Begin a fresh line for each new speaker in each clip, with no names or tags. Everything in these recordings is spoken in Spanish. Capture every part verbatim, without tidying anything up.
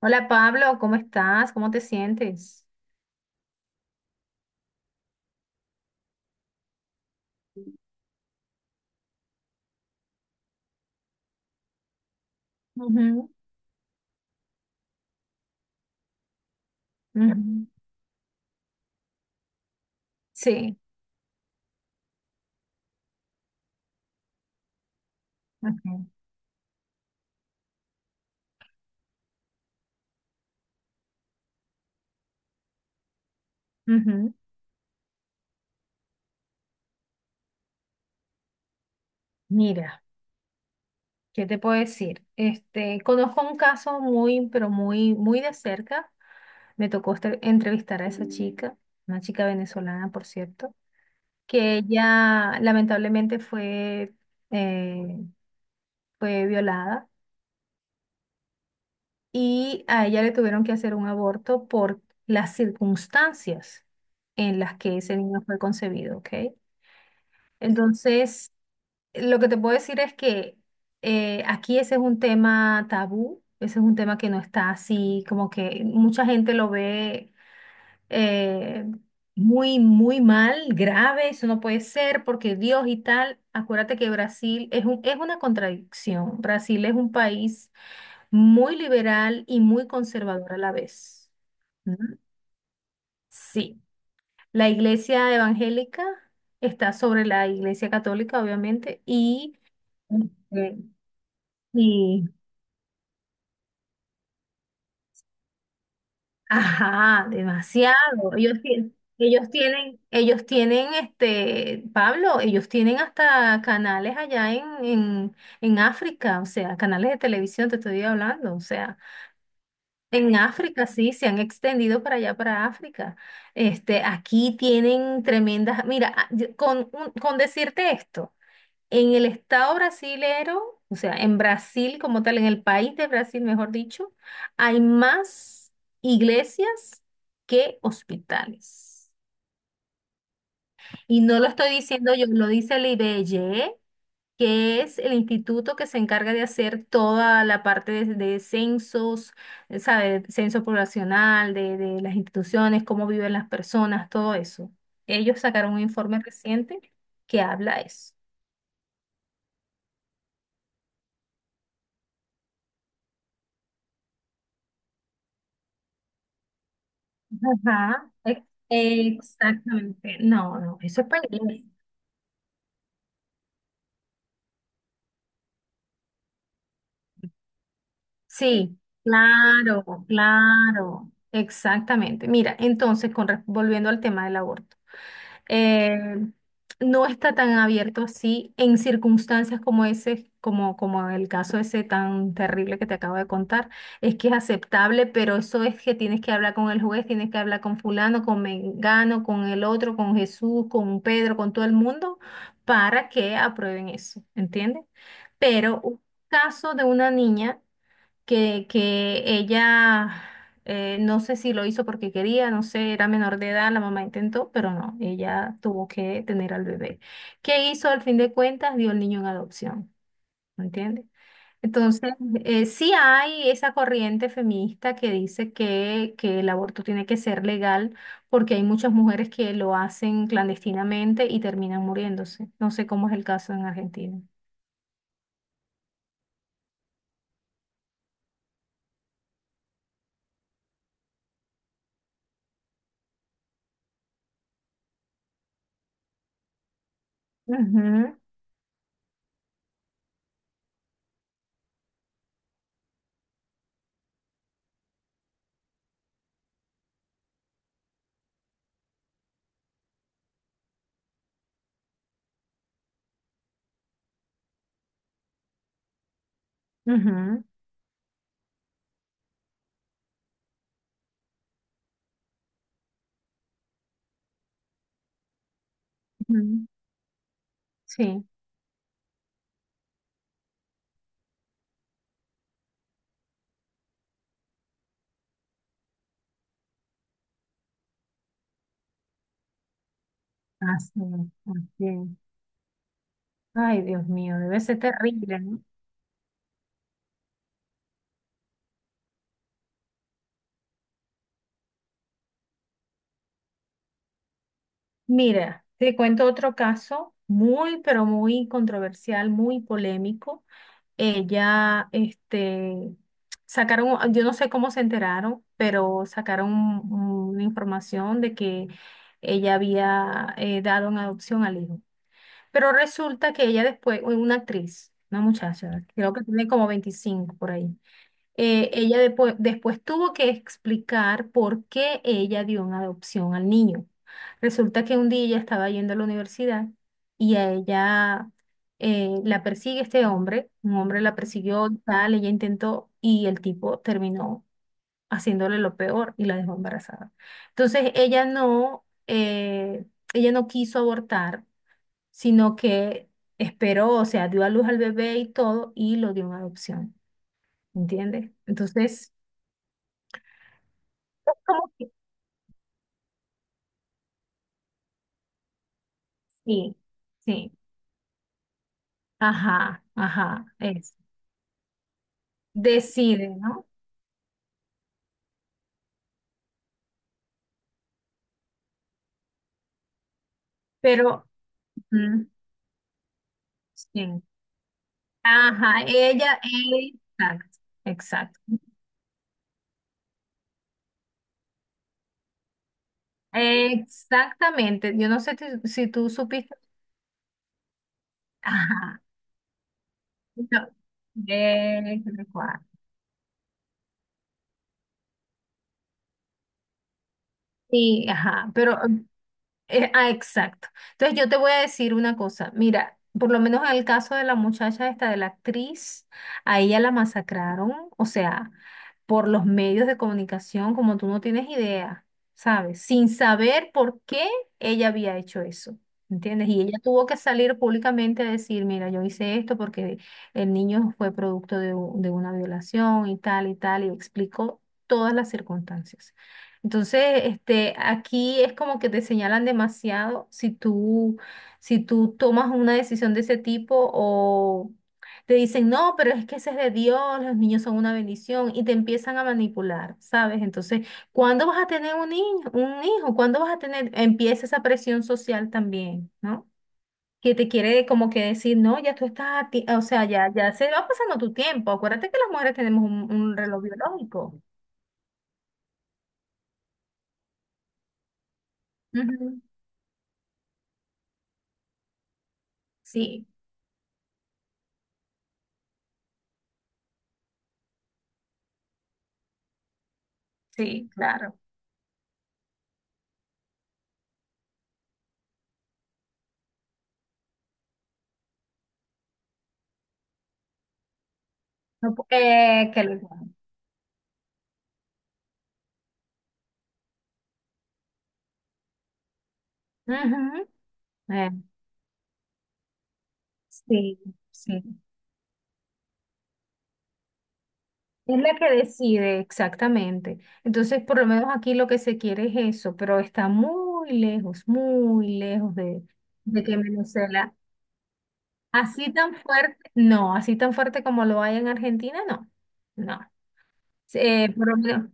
Hola Pablo, ¿cómo estás? ¿Cómo te sientes? Ujú. Ujú. Sí, ujú. Ujú. Mira, ¿qué te puedo decir? Este, conozco un caso muy, pero muy, muy de cerca. Me tocó este- entrevistar a esa chica, una chica venezolana, por cierto, que ella lamentablemente fue, eh, fue violada, y a ella le tuvieron que hacer un aborto por las circunstancias en las que ese niño fue concebido, ¿ok? Entonces, lo que te puedo decir es que eh, aquí ese es un tema tabú, ese es un tema que no está así, como que mucha gente lo ve eh, muy, muy mal, grave, eso no puede ser porque Dios y tal. Acuérdate que Brasil es un, es una contradicción. Brasil es un país muy liberal y muy conservador a la vez. ¿Mm? Sí, la iglesia evangélica está sobre la iglesia católica, obviamente, y, ujú. Y, ajá, demasiado. Ellos, tie- ellos tienen, ellos tienen, este, Pablo, ellos tienen hasta canales allá en, en, en África, o sea, canales de televisión, te estoy hablando, o sea, en África sí, se han extendido para allá, para África. Este, aquí tienen tremendas, mira, a- yo- con, un- con decirte esto. En el estado brasilero, o sea, en Brasil como tal, en el país de Brasil, mejor dicho, hay más iglesias que hospitales. Y no lo estoy diciendo yo, lo dice el I B G E, que es el instituto que se encarga de hacer toda la parte de, de censos, eh, ¿sabe? Censo poblacional, de, de las instituciones, cómo viven las personas, todo eso. Ellos sacaron un informe reciente que habla eso. Ajá, ex- exactamente. No, no, eso es para inglés. Sí, claro, claro, exactamente. Mira, entonces, con, re- volviendo al tema del aborto. eh, no está tan abierto así en circunstancias como ese, como, como el caso ese tan terrible que te acabo de contar. Es que es aceptable, pero eso es que tienes que hablar con el juez, tienes que hablar con fulano, con Mengano, con el otro, con Jesús, con Pedro, con todo el mundo, para que aprueben eso, ¿entiendes? Pero un caso de una niña que, que ella, eh, no sé si lo hizo porque quería, no sé, era menor de edad, la mamá intentó, pero no, ella tuvo que tener al bebé. ¿Qué hizo al fin de cuentas? Dio el niño en adopción, ¿me entiendes? Entonces, eh, sí hay esa corriente feminista que dice que, que el aborto tiene que ser legal porque hay muchas mujeres que lo hacen clandestinamente y terminan muriéndose. No sé cómo es el caso en Argentina. Ujú, ujú, ujú. Sí. Así, así. Ay, Dios mío, debe ser terrible, ¿no? Mira, te cuento otro caso muy, pero muy controversial, muy polémico. Ella, este, sacaron, yo no sé cómo se enteraron, pero sacaron un- una información de que ella había eh, dado en adopción al hijo. Pero resulta que ella después, una actriz, una muchacha, creo que tiene como veinticinco por ahí. eh, ella depo- después tuvo que explicar por qué ella dio en adopción al niño. Resulta que un día ella estaba yendo a la universidad, y a ella eh, la persigue este hombre, un hombre la persiguió, y tal, ella intentó y el tipo terminó haciéndole lo peor y la dejó embarazada. Entonces ella no, eh, ella no quiso abortar, sino que esperó, o sea, dio a luz al bebé y todo y lo dio en adopción. ¿Entiendes? Entonces, como que sí, sí, ajá, ajá, es, decide, ¿no? Pero, mm, sí, ajá, ella, exacto, exacto, exactamente, yo no sé ti- si tú supiste, ajá, no, eh, tal cual. Sí, ajá, pero, Eh, ah, exacto. Entonces yo te voy a decir una cosa. Mira, por lo menos en el caso de la muchacha esta, de la actriz, a ella la masacraron, o sea, por los medios de comunicación, como tú no tienes idea, ¿sabes? Sin saber por qué ella había hecho eso. ¿Entiendes? Y ella tuvo que salir públicamente a decir, mira, yo hice esto porque el niño fue producto de, u- de una violación y tal y tal, y explicó todas las circunstancias. Entonces, este, aquí es como que te señalan demasiado si tú, si tú, tomas una decisión de ese tipo, o te dicen, no, pero es que ese es de Dios, los niños son una bendición y te empiezan a manipular, ¿sabes? Entonces, ¿cuándo vas a tener un niño, un hijo? ¿Cuándo vas a tener? Empieza esa presión social también, ¿no? Que te quiere como que decir, no, ya tú estás, a ti- o sea, ya, ya se va pasando tu tiempo. Acuérdate que las mujeres tenemos un, un reloj biológico. Ujú. Sí, sí, claro. No pu- eh, que lo llaman. Ujú, eh, sí, sí. Es la que decide exactamente. Entonces, por lo menos aquí lo que se quiere es eso, pero está muy lejos, muy lejos de, de que Venezuela, así tan fuerte, no, así tan fuerte como lo hay en Argentina, no, no. Eh, por lo menos.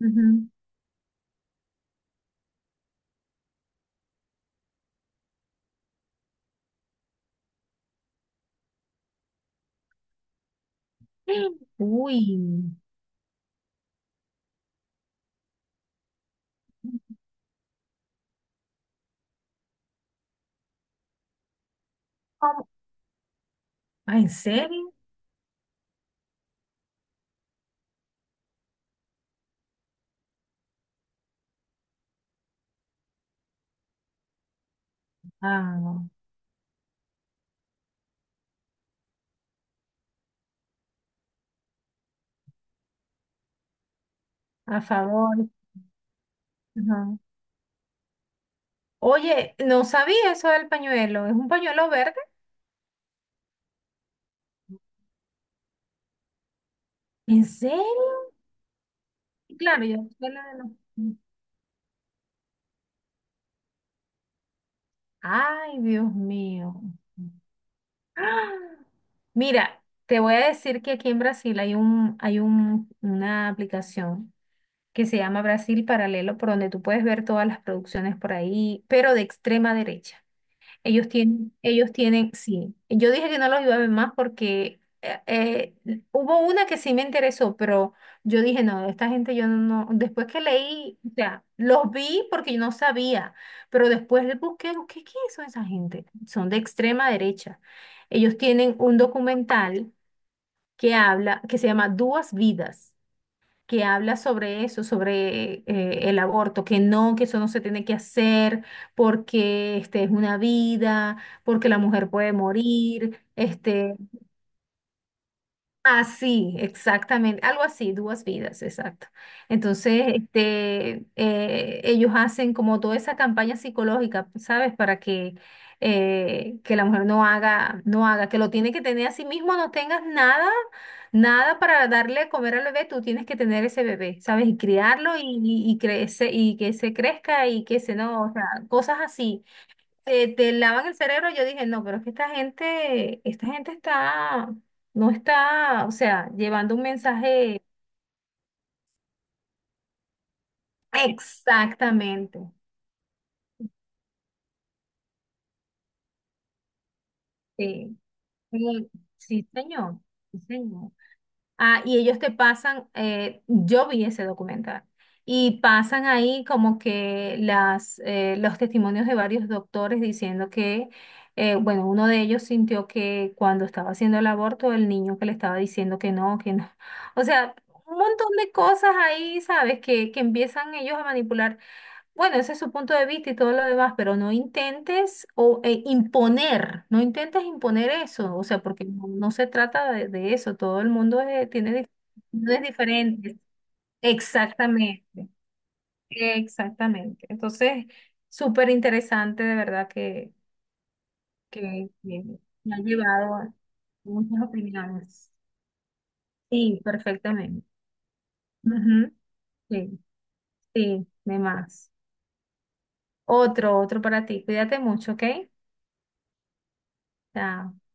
Ujú. Uy. ¿Cómo? ¿En serio? Ah, a favor. Ajá. Oye, no sabía eso del pañuelo. ¿Es un pañuelo verde? ¿En serio? Claro, yo sé la de los- Ay, Dios mío. ¡Ah! Mira, te voy a decir que aquí en Brasil hay un, hay un, una aplicación que se llama Brasil Paralelo, por donde tú puedes ver todas las producciones por ahí, pero de extrema derecha. Ellos tienen, ellos tienen, sí. Yo dije que no los iba a ver más porque eh, eh, hubo una que sí me interesó, pero yo dije, no, esta gente yo no, después que leí, o sea, los vi porque yo no sabía, pero después les busqué, ¿qué, qué son esa gente? Son de extrema derecha. Ellos tienen un documental que habla, que se llama Duas Vidas, que habla sobre eso, sobre eh, el aborto, que no, que eso no se tiene que hacer porque este, es una vida, porque la mujer puede morir, este, Así, exactamente, algo así, Duas Vidas, exacto. Entonces, este, eh, ellos hacen como toda esa campaña psicológica, ¿sabes? Para que, eh, que la mujer no haga, no haga, que lo tiene que tener a sí mismo, no tengas nada, nada para darle a comer al bebé, tú tienes que tener ese bebé, ¿sabes? Y criarlo y, y, y, crece, y que se crezca y que se no, o sea, cosas así te, te lavan el cerebro, yo dije, no, pero es que esta gente, esta gente está, no está, o sea, llevando un mensaje exactamente. Sí, sí, sí, señor, sí, señor. Ah, y ellos te pasan, eh, yo vi ese documental, y pasan ahí como que las, eh, los testimonios de varios doctores diciendo que, eh, bueno, uno de ellos sintió que cuando estaba haciendo el aborto, el niño que le estaba diciendo que no, que no. O sea, un montón de cosas ahí, ¿sabes? Que, que empiezan ellos a manipular, bueno, ese es su punto de vista y todo lo demás, pero no intentes o eh, imponer, no intentes imponer eso, o sea, porque no, no se trata de, de eso, todo el mundo eh, tiene dif- opiniones diferentes. Exactamente, exactamente. Entonces, súper interesante de verdad que, que, que, me ha llevado a muchas opiniones. Sí, perfectamente. Ujú. Sí, sí, de más. Otro, otro para ti. Cuídate mucho, ¿ok? Chao.